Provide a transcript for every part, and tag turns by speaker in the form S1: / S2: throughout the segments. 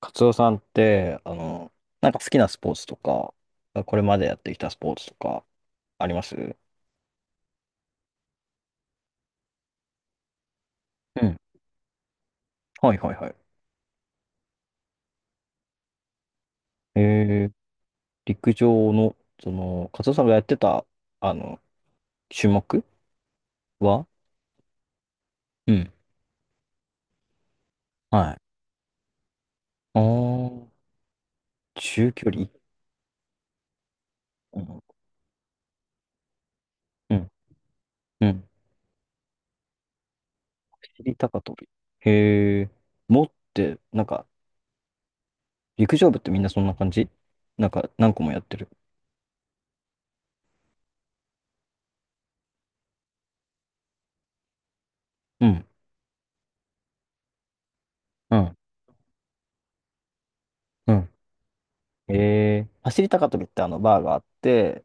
S1: カツオさんって、なんか好きなスポーツとか、これまでやってきたスポーツとかありますう？ん。はいはいはい。えー、陸上の、カツオさんがやってた、あの、種目は？うん。はい。あー、中距離。うん。うん。うん。尻高跳び。へえ、持って、なんか、陸上部ってみんなそんな感じ？なんか、何個もやってる。うん。うん。うん。走り高跳びってバーがあって、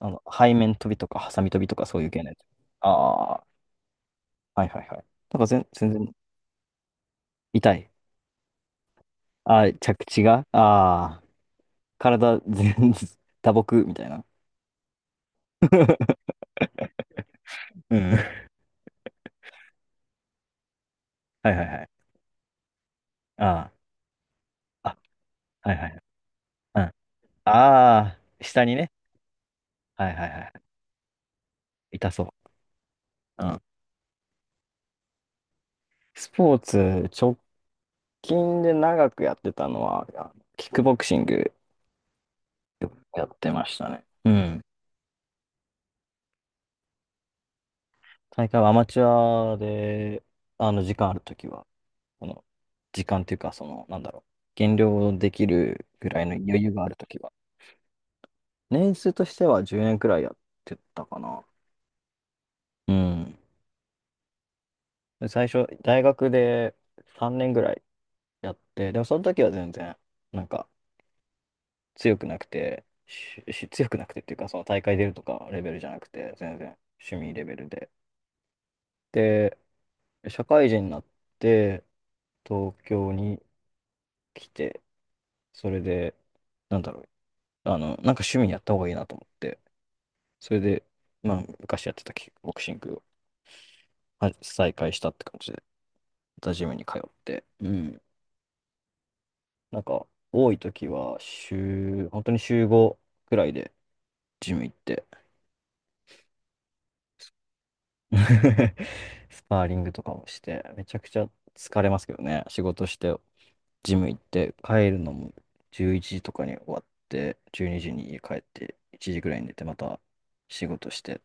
S1: 背面飛びとか、ハサミ飛びとか、そういう系のやつ。ああ、はいはいはい。なんか全然。痛い。ああ、着地が、ああ、体全、打撲みたいな。うん。はいはいはい。ああ、あ、はいはいはい。うん。ああ、下にね。はいはいはい。痛そう。うん。スポーツ、直近で長くやってたのは、キックボクシングやってましたね。うん。大会はアマチュアで、時間あるときは。この時間というか、なんだろう、減量できるぐらいの余裕があるときは。年数としては10年くらいやってたかな。うん。最初、大学で3年ぐらいやって、でもその時は全然、なんか、強くなくて、強くなくてっていうか、その大会出るとかレベルじゃなくて、全然趣味レベルで。で、社会人になって、東京に来て、それで、なんだろう、なんか趣味やった方がいいなと思って、それで、まあ、昔やってたキックボクシングは再開したって感じで、またジムに通って、うん。なんか、多い時は週、本当に週5くらいでジム行って、スパーリングとかもして、めちゃくちゃ疲れますけどね。仕事して、ジム行って、帰るのも11時とかに終わって、12時にに家帰って、1時くらいに寝て、また仕事して、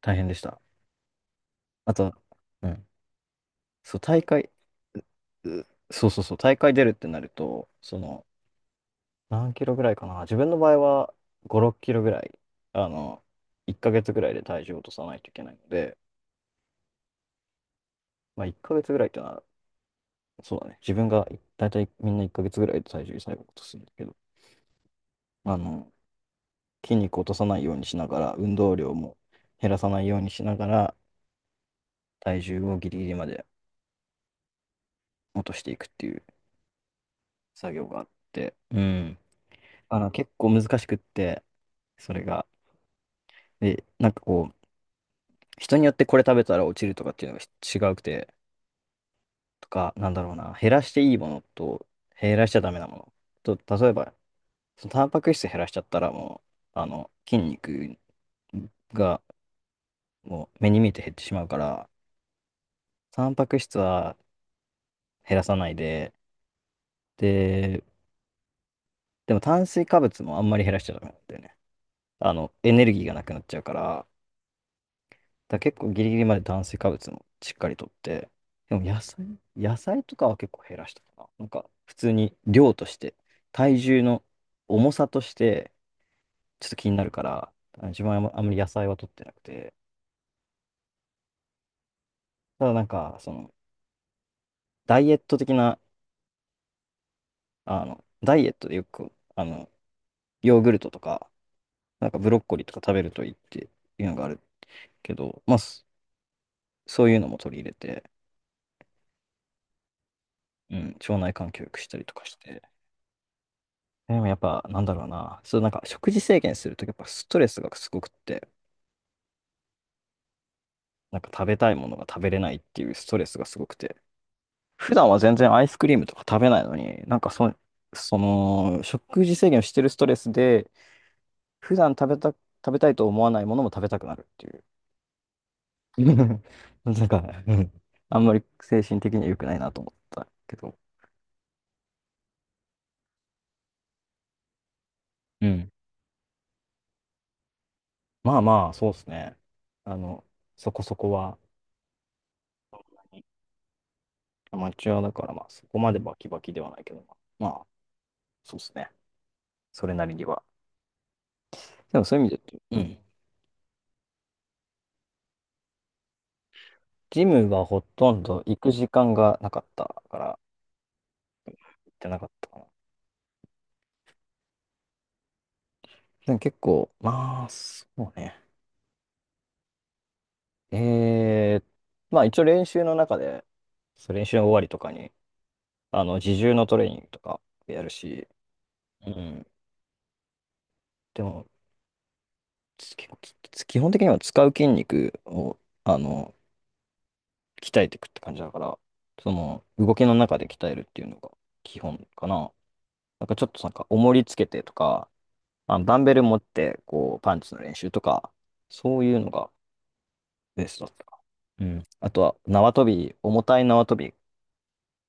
S1: 大変でした。あと、うん。そう、大会、うそうそうそう、大会出るってなると、その、何キロぐらいかな。自分の場合は5、6キロぐらい、あの、1ヶ月ぐらいで体重を落とさないといけないので、まあ1ヶ月ぐらいってのは、そうだね。自分が大体みんな1ヶ月ぐらいで体重最後落とすんだけど、あの、筋肉を落とさないようにしながら、運動量も減らさないようにしながら、体重をギリギリまで落としていくっていう作業があって、うん。結構難しくって、それが。で、なんかこう、人によってこれ食べたら落ちるとかっていうのが違うくて、とか、なんだろうな、減らしていいものと、減らしちゃダメなもの。と、例えば、そのタンパク質減らしちゃったらもう、筋肉がもう目に見えて減ってしまうから、タンパク質は減らさないで、で、でも炭水化物もあんまり減らしちゃダメなんだよね。エネルギーがなくなっちゃうから、だから結構ギリギリまで炭水化物もしっかりとって、でも野菜とかは結構減らしたかな。なんか普通に量として、体重の重さとしてちょっと気になるから、自分はあんまり野菜は取ってなくて、ただなんかそのダイエット的な、ダイエットでよく、ヨーグルトとか、なんかブロッコリーとか食べるといいっていうのがあるけど、まあそういうのも取り入れて、うん、腸内環境良くしたりとかして、でもやっぱ、なんだろうな。そう、なんか食事制限するとやっぱストレスがすごくって、なんか食べたいものが食べれないっていうストレスがすごくて、普段は全然アイスクリームとか食べないのに、その、食事制限をしてるストレスで、普段食べた、食べたいと思わないものも食べたくなるっていう。なんか、うん、あんまり精神的には良くないなと思ったけど。うん。まあまあ、そうですね。あの、そこそこは。アマチュアだから、まあ、そこまでバキバキではないけど、まあ、そうですね。それなりには。でもそういう意味で言うと、うん。ジムがほとんど行く時間がなかったから、行ってなかったかな。でも結構、まあ、そうね。えー、まあ一応練習の中で、そう練習の終わりとかに、自重のトレーニングとかやるし、うん。でも、結構基本的には使う筋肉を、あの、鍛えていくって感じだから、その動きの中で鍛えるっていうのが基本かな。なんかちょっとなんか重りつけてとか、ダンベル持ってこうパンチの練習とか、そういうのがベースだったかな。うん。あとは縄跳び、重たい縄跳び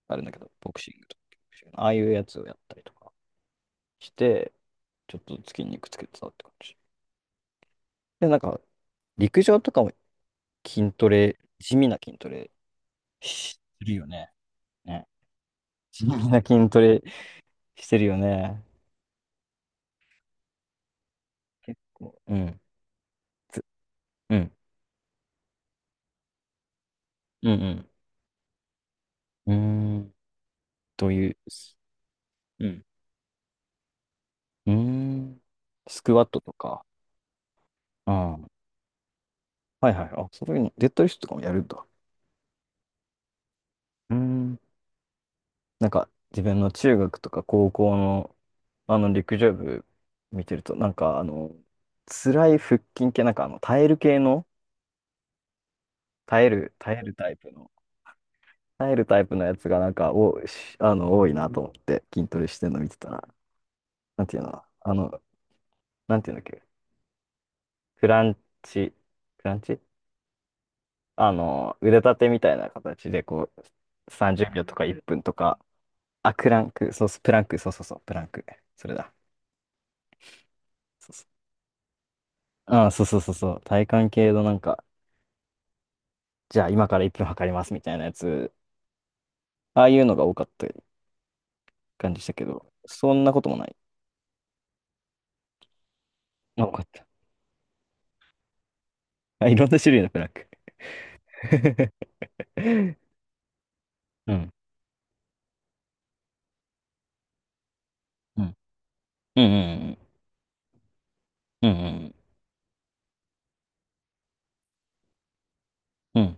S1: あるんだけど、ボクシングとか、ああいうやつをやったりとかして、ちょっとずつ筋肉つけてたって感じ。で、なんか陸上とかも筋トレ、地味な筋トレしてるよね。ね。地味な筋トレしてるよね。結構。うん。つうん。うんうん。うーん。という。すうん。うーん。スクワットとか。ああ。はいはい。あ、そういうの、デッドリフトとかもやるんだ。うーん。なんか、自分の中学とか高校の、陸上部見てると、なんか、辛い腹筋系、なんか、耐える系の、耐えるタイプの、やつが、なんか、多いなと思って、筋トレしてるの見てたら、なんていうの、なんていうんだっけ、クランチ、クランチ、腕立てみたいな形で、こう、30秒とか1分とか、あ、クランク、そうそう、プランク、そうそうそう、プランク。それだ。そうそう。あ、そうそうそうそう。体幹系のなんか、じゃあ今から1分測りますみたいなやつ、ああいうのが多かった感じしたけど、そんなこともない。あ、よかった。あ、いろんな種類のプランク。うん。うん。うん。うん。うん。うん。うんうん。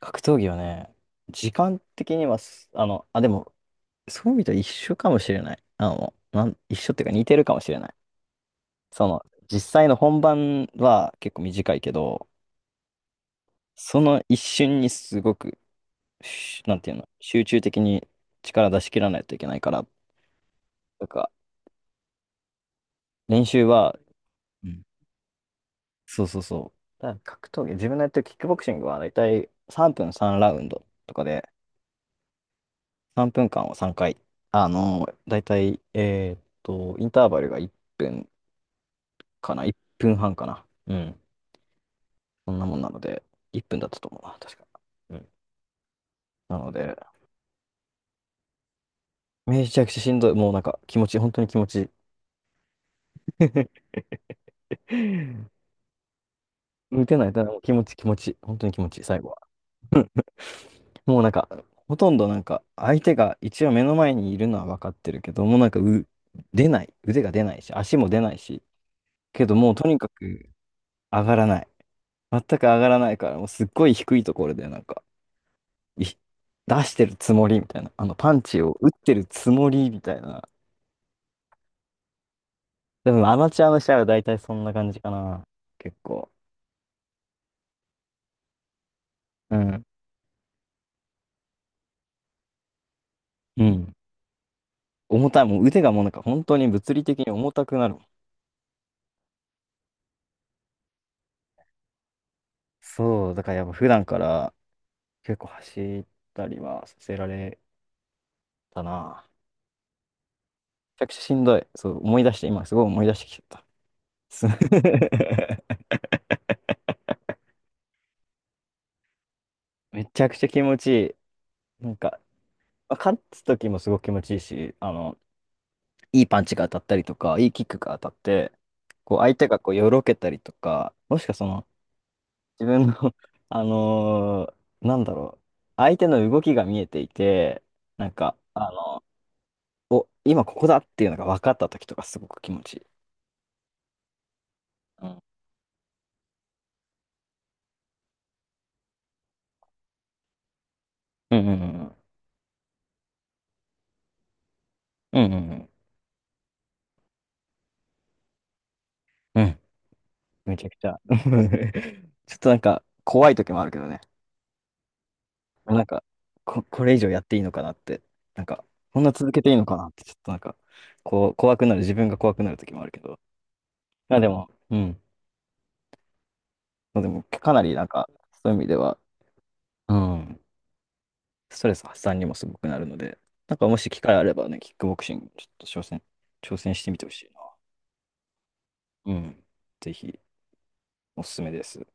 S1: 格闘技はね、時間的にはあ、でも、そう見たら一緒かもしれない。一緒っていうか似てるかもしれない。その、実際の本番は結構短いけど、その一瞬にすごく、なんていうの、集中的に力出し切らないといけないから、なんか、練習は、うん、そうそうそう。だから格闘技、自分のやってるキックボクシングはだいたい3分3ラウンドとかで、3分間を3回、だいたい、インターバルが1分かな、1分半かな。うん。そんなもんなので、1分だったと思うな、確か。うん。なので、めちゃくちゃしんどい。もうなんか気持ち、本当に気持ちいい。打てないともう気持ち気持ち、本当に気持ちいい、最後は。もうなんか、ほとんどなんか、相手が一応目の前にいるのは分かってるけど、もうなんか出ない。腕が出ないし、足も出ないし、けどもうとにかく上がらない。全く上がらないから、もうすっごい低いところでなんか、出してるつもりみたいな、パンチを打ってるつもりみたいな、でもアマチュアの試合は大体そんな感じかな。結構。うん。うん。重たい。もう腕がもうなんか本当に物理的に重たくなるもん。そう。だからやっぱ普段から結構走ったりはさせられたな。めちゃくちゃしんどい。そう、思い出して、今すごい思い出してきちゃった。す めちゃくちゃ気持ちいい。なんか、まあ勝つ時もすごく気持ちいいし、いいパンチが当たったりとか、いいキックが当たって、こう相手がこうよろけたりとか、もしくはその自分の あのなんだろう、相手の動きが見えていて、なんか、お、今ここだっていうのが分かった時とかすごく気持ちいい。うんうんうんうんうんうんうんうんうん。めちゃくちゃ。ちょっとなんか怖い時もあるけどね。なんか、これ以上やっていいのかなって、なんか、こんな続けていいのかなって、ちょっとなんか、こう、怖くなる、自分が怖くなる時もあるけど。まあでも、うん。まあでも、かなりなんか、そういう意味では、うん、ストレス発散にもすごくなるので、なんかもし機会あればね、キックボクシングちょっと挑戦してみてほしいな。うん。ぜひ、おすすめです。